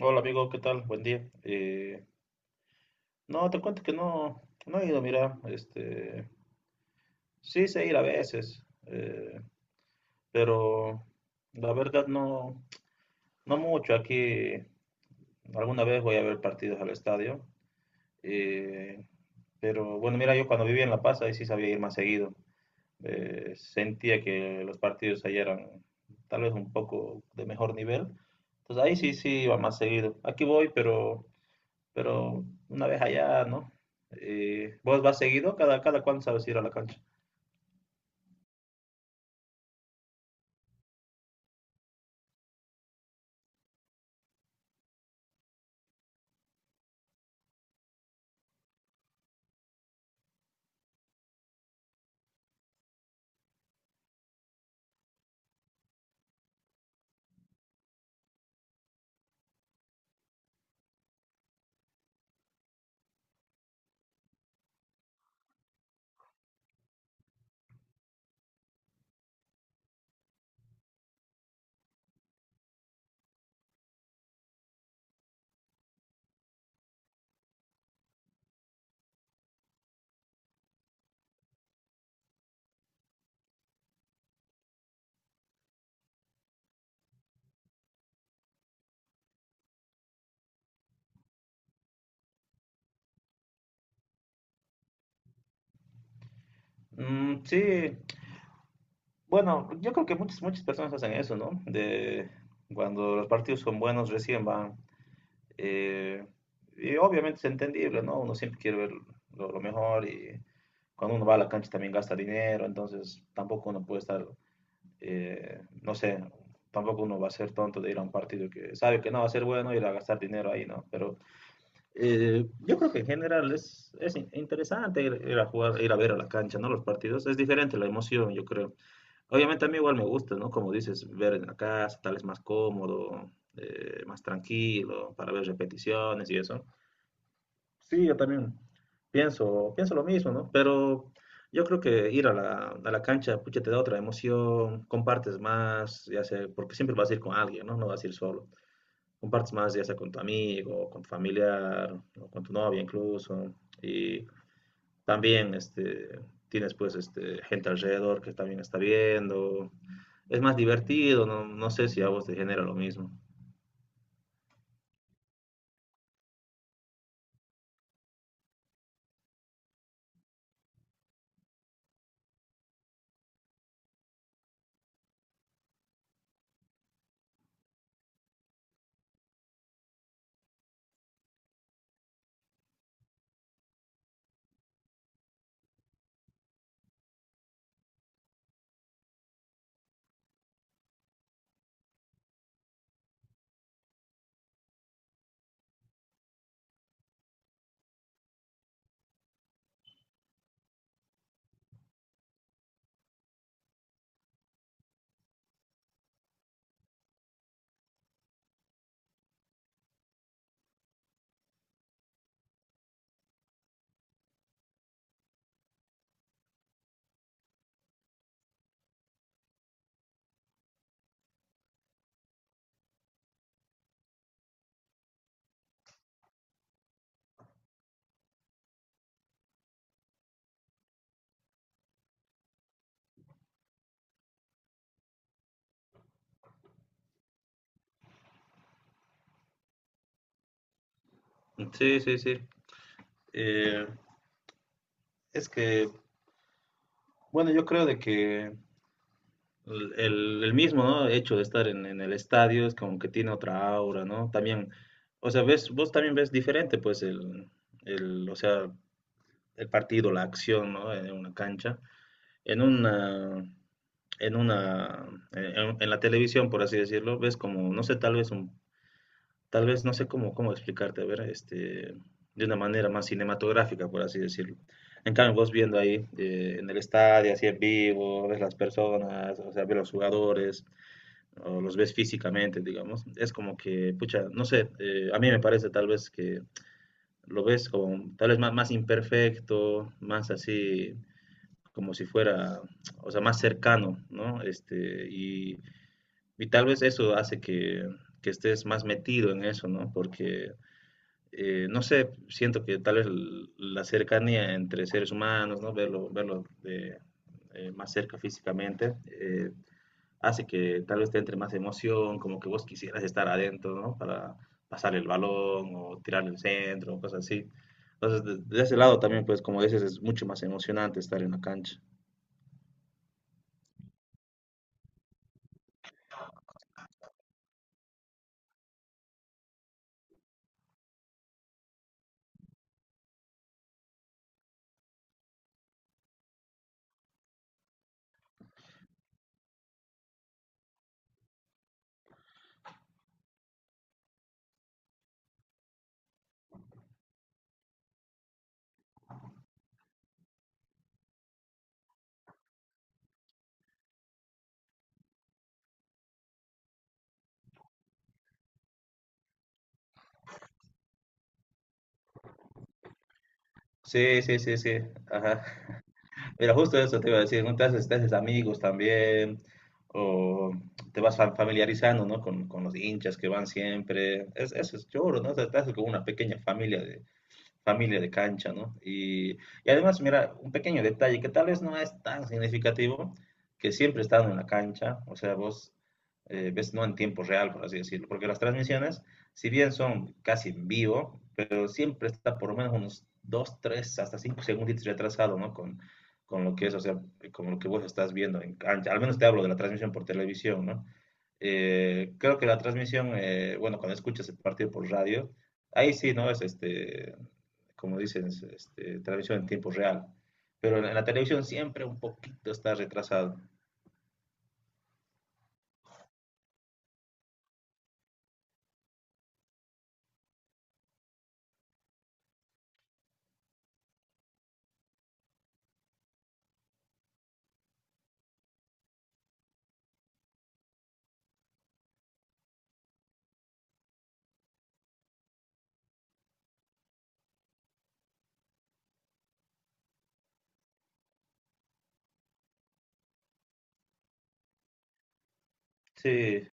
Hola amigo, ¿qué tal? Buen día. No, te cuento que no he ido, mira, este, sí sé ir a veces, pero la verdad no, no mucho. Aquí alguna vez voy a ver partidos al estadio, eh, pero bueno, mira, yo cuando vivía en La Paz ahí sí sabía ir más seguido. Sentía que los partidos ahí eran tal vez un poco de mejor nivel, entonces ahí sí iba más seguido. Aquí voy, pero una vez allá, ¿no? ¿Vos vas seguido? ¿Cada cuándo sabes ir a la cancha? Mm, sí, bueno, yo creo que muchas personas hacen eso, ¿no? De cuando los partidos son buenos recién van. eh, y obviamente es entendible, ¿no? Uno siempre quiere ver lo mejor y cuando uno va a la cancha también gasta dinero, entonces tampoco uno puede estar, no sé, tampoco uno va a ser tonto de ir a un partido que sabe que no va a ser bueno y ir a gastar dinero ahí, ¿no? Pero yo creo que en general es interesante ir, ir a jugar, ir a ver a la cancha, ¿no? Los partidos. Es diferente la emoción, yo creo. Obviamente a mí igual me gusta, ¿no? Como dices, ver en la casa, tal es más cómodo, más tranquilo, para ver repeticiones y eso. Sí, yo también pienso lo mismo, ¿no? Pero yo creo que ir a la cancha, pucha, te da otra emoción, compartes más, ya sé, porque siempre vas a ir con alguien, ¿no? No vas a ir solo, compartes más, ya sea con tu amigo, con tu familiar, o con tu novia incluso. Y también este, tienes pues este, gente alrededor que también está viendo. Es más divertido, no, no sé si a vos te genera lo mismo. Sí, sí, sí. Eh, es que, bueno, yo creo de que el mismo, ¿no?, hecho de estar en el estadio es como que tiene otra aura, ¿no? También, o sea, ves, vos también ves diferente, pues, o sea, el partido, la acción, ¿no? En una cancha. En una, en la televisión, por así decirlo, ves como, no sé, tal vez, no sé cómo explicarte, a ver, este, de una manera más cinematográfica, por así decirlo. En cambio, vos viendo ahí en el estadio, así en vivo, ves las personas, o sea, ves los jugadores, o los ves físicamente, digamos, es como que, pucha, no sé, a mí me parece tal vez que lo ves como tal vez más, más imperfecto, más así, como si fuera, o sea, más cercano, ¿no? Este, y tal vez eso hace que estés más metido en eso, ¿no? Porque, no sé, siento que tal vez la cercanía entre seres humanos, ¿no? Verlo, verlo de, más cerca físicamente, hace que tal vez te entre más emoción, como que vos quisieras estar adentro, ¿no? Para pasar el balón o tirar el centro, cosas así. Entonces, de ese lado también, pues, como dices, es mucho más emocionante estar en la cancha. Sí, sí, sí, sí. Ajá. Mira, justo eso te iba a decir, ¿no? Te haces amigos también, o te vas familiarizando, ¿no? Con los hinchas que van siempre. Es, eso es choro, ¿no? O sea, te haces como una pequeña familia de cancha, ¿no? Y además, mira, un pequeño detalle que tal vez no es tan significativo, que siempre están en la cancha, o sea, vos ves no en tiempo real, por así decirlo, porque las transmisiones, si bien son casi en vivo, pero siempre está por lo menos unos 2, 3 hasta 5 segundos retrasado, ¿no? Con lo que es, o sea, con lo que vos estás viendo en cancha. Al menos te hablo de la transmisión por televisión, ¿no? Creo que la transmisión, bueno, cuando escuchas el partido por radio, ahí sí, ¿no? Es este, como dicen este, transmisión en tiempo real. Pero en la televisión siempre un poquito está retrasado. Sí,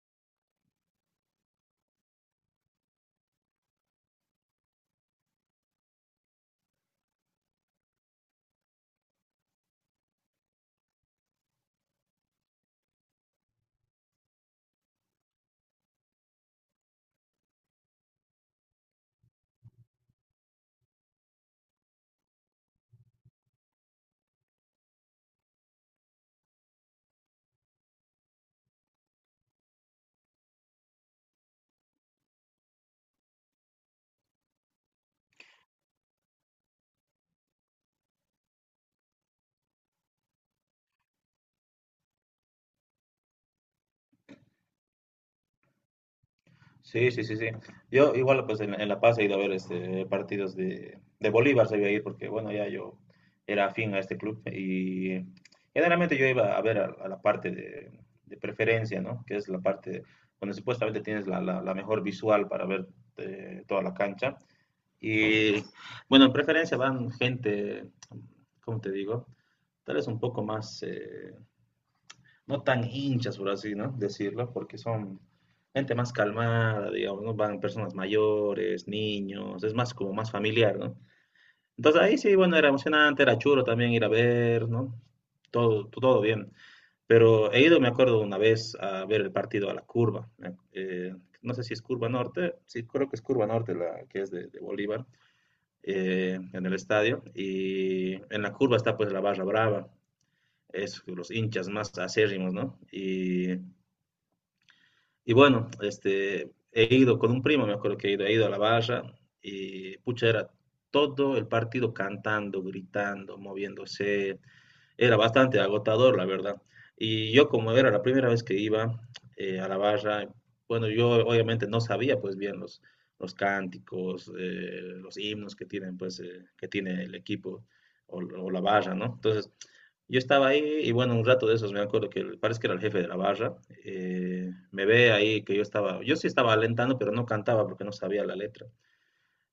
sí, sí, sí, sí. Yo igual pues en La Paz he ido a ver este, partidos de Bolívar, se iba a ir porque bueno, ya yo era afín a este club y generalmente yo iba a ver a la parte de preferencia, ¿no? Que es la parte donde supuestamente tienes la mejor visual para ver toda la cancha. Y bueno, en preferencia van gente, ¿cómo te digo? Tal vez un poco más, no tan hinchas, por así, ¿no?, decirlo, porque son gente más calmada, digamos, ¿no? Van personas mayores, niños, es más como más familiar, ¿no? Entonces ahí sí, bueno, era emocionante, era chulo también ir a ver, ¿no? Todo, todo bien. Pero he ido, me acuerdo, una vez a ver el partido a la curva. No sé si es Curva Norte, sí, creo que es Curva Norte la que es de Bolívar, en el estadio. Y en la curva está pues la barra brava, es los hinchas más acérrimos, ¿no? Y bueno, este, he ido con un primo, me acuerdo que he ido a la barra y pucha, era todo el partido cantando, gritando, moviéndose. Era bastante agotador, la verdad. Y yo como era la primera vez que iba a la barra, bueno, yo obviamente no sabía pues bien los cánticos, los himnos que tienen pues que tiene el equipo o, la barra, ¿no? Entonces yo estaba ahí y bueno, un rato de esos me acuerdo que parece que era el jefe de la barra, me ve ahí que yo estaba, yo sí estaba alentando, pero no cantaba porque no sabía la letra.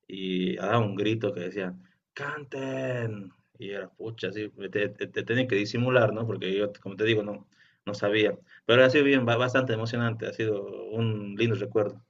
Y daba un grito que decía, ¡canten! Y era, pucha, así, te tenía que disimular, ¿no? Porque yo, como te digo, no, no sabía. Pero ha sido bien, bastante emocionante, ha sido un lindo recuerdo.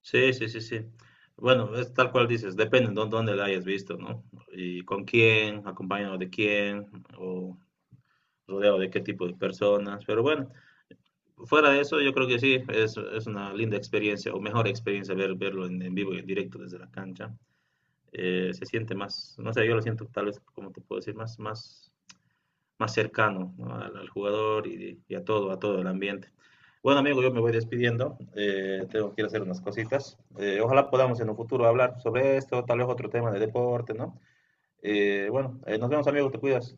Sí, sí, sí, sí. Bueno, es tal cual dices, depende de dónde la hayas visto, ¿no? Y con quién, acompañado de quién, o... rodeado de qué tipo de personas. Pero bueno, fuera de eso, yo creo que sí, es una linda experiencia, o mejor experiencia ver, verlo en vivo y en directo desde la cancha. Se siente más, no sé, yo lo siento tal vez, como te puedo decir, más, más, más cercano, ¿no?, al, al, jugador y, a todo el ambiente. Bueno, amigo, yo me voy despidiendo. Tengo que ir a hacer unas cositas. Ojalá podamos en un futuro hablar sobre esto, tal vez otro tema de deporte, ¿no? Bueno, nos vemos, amigo, te cuidas.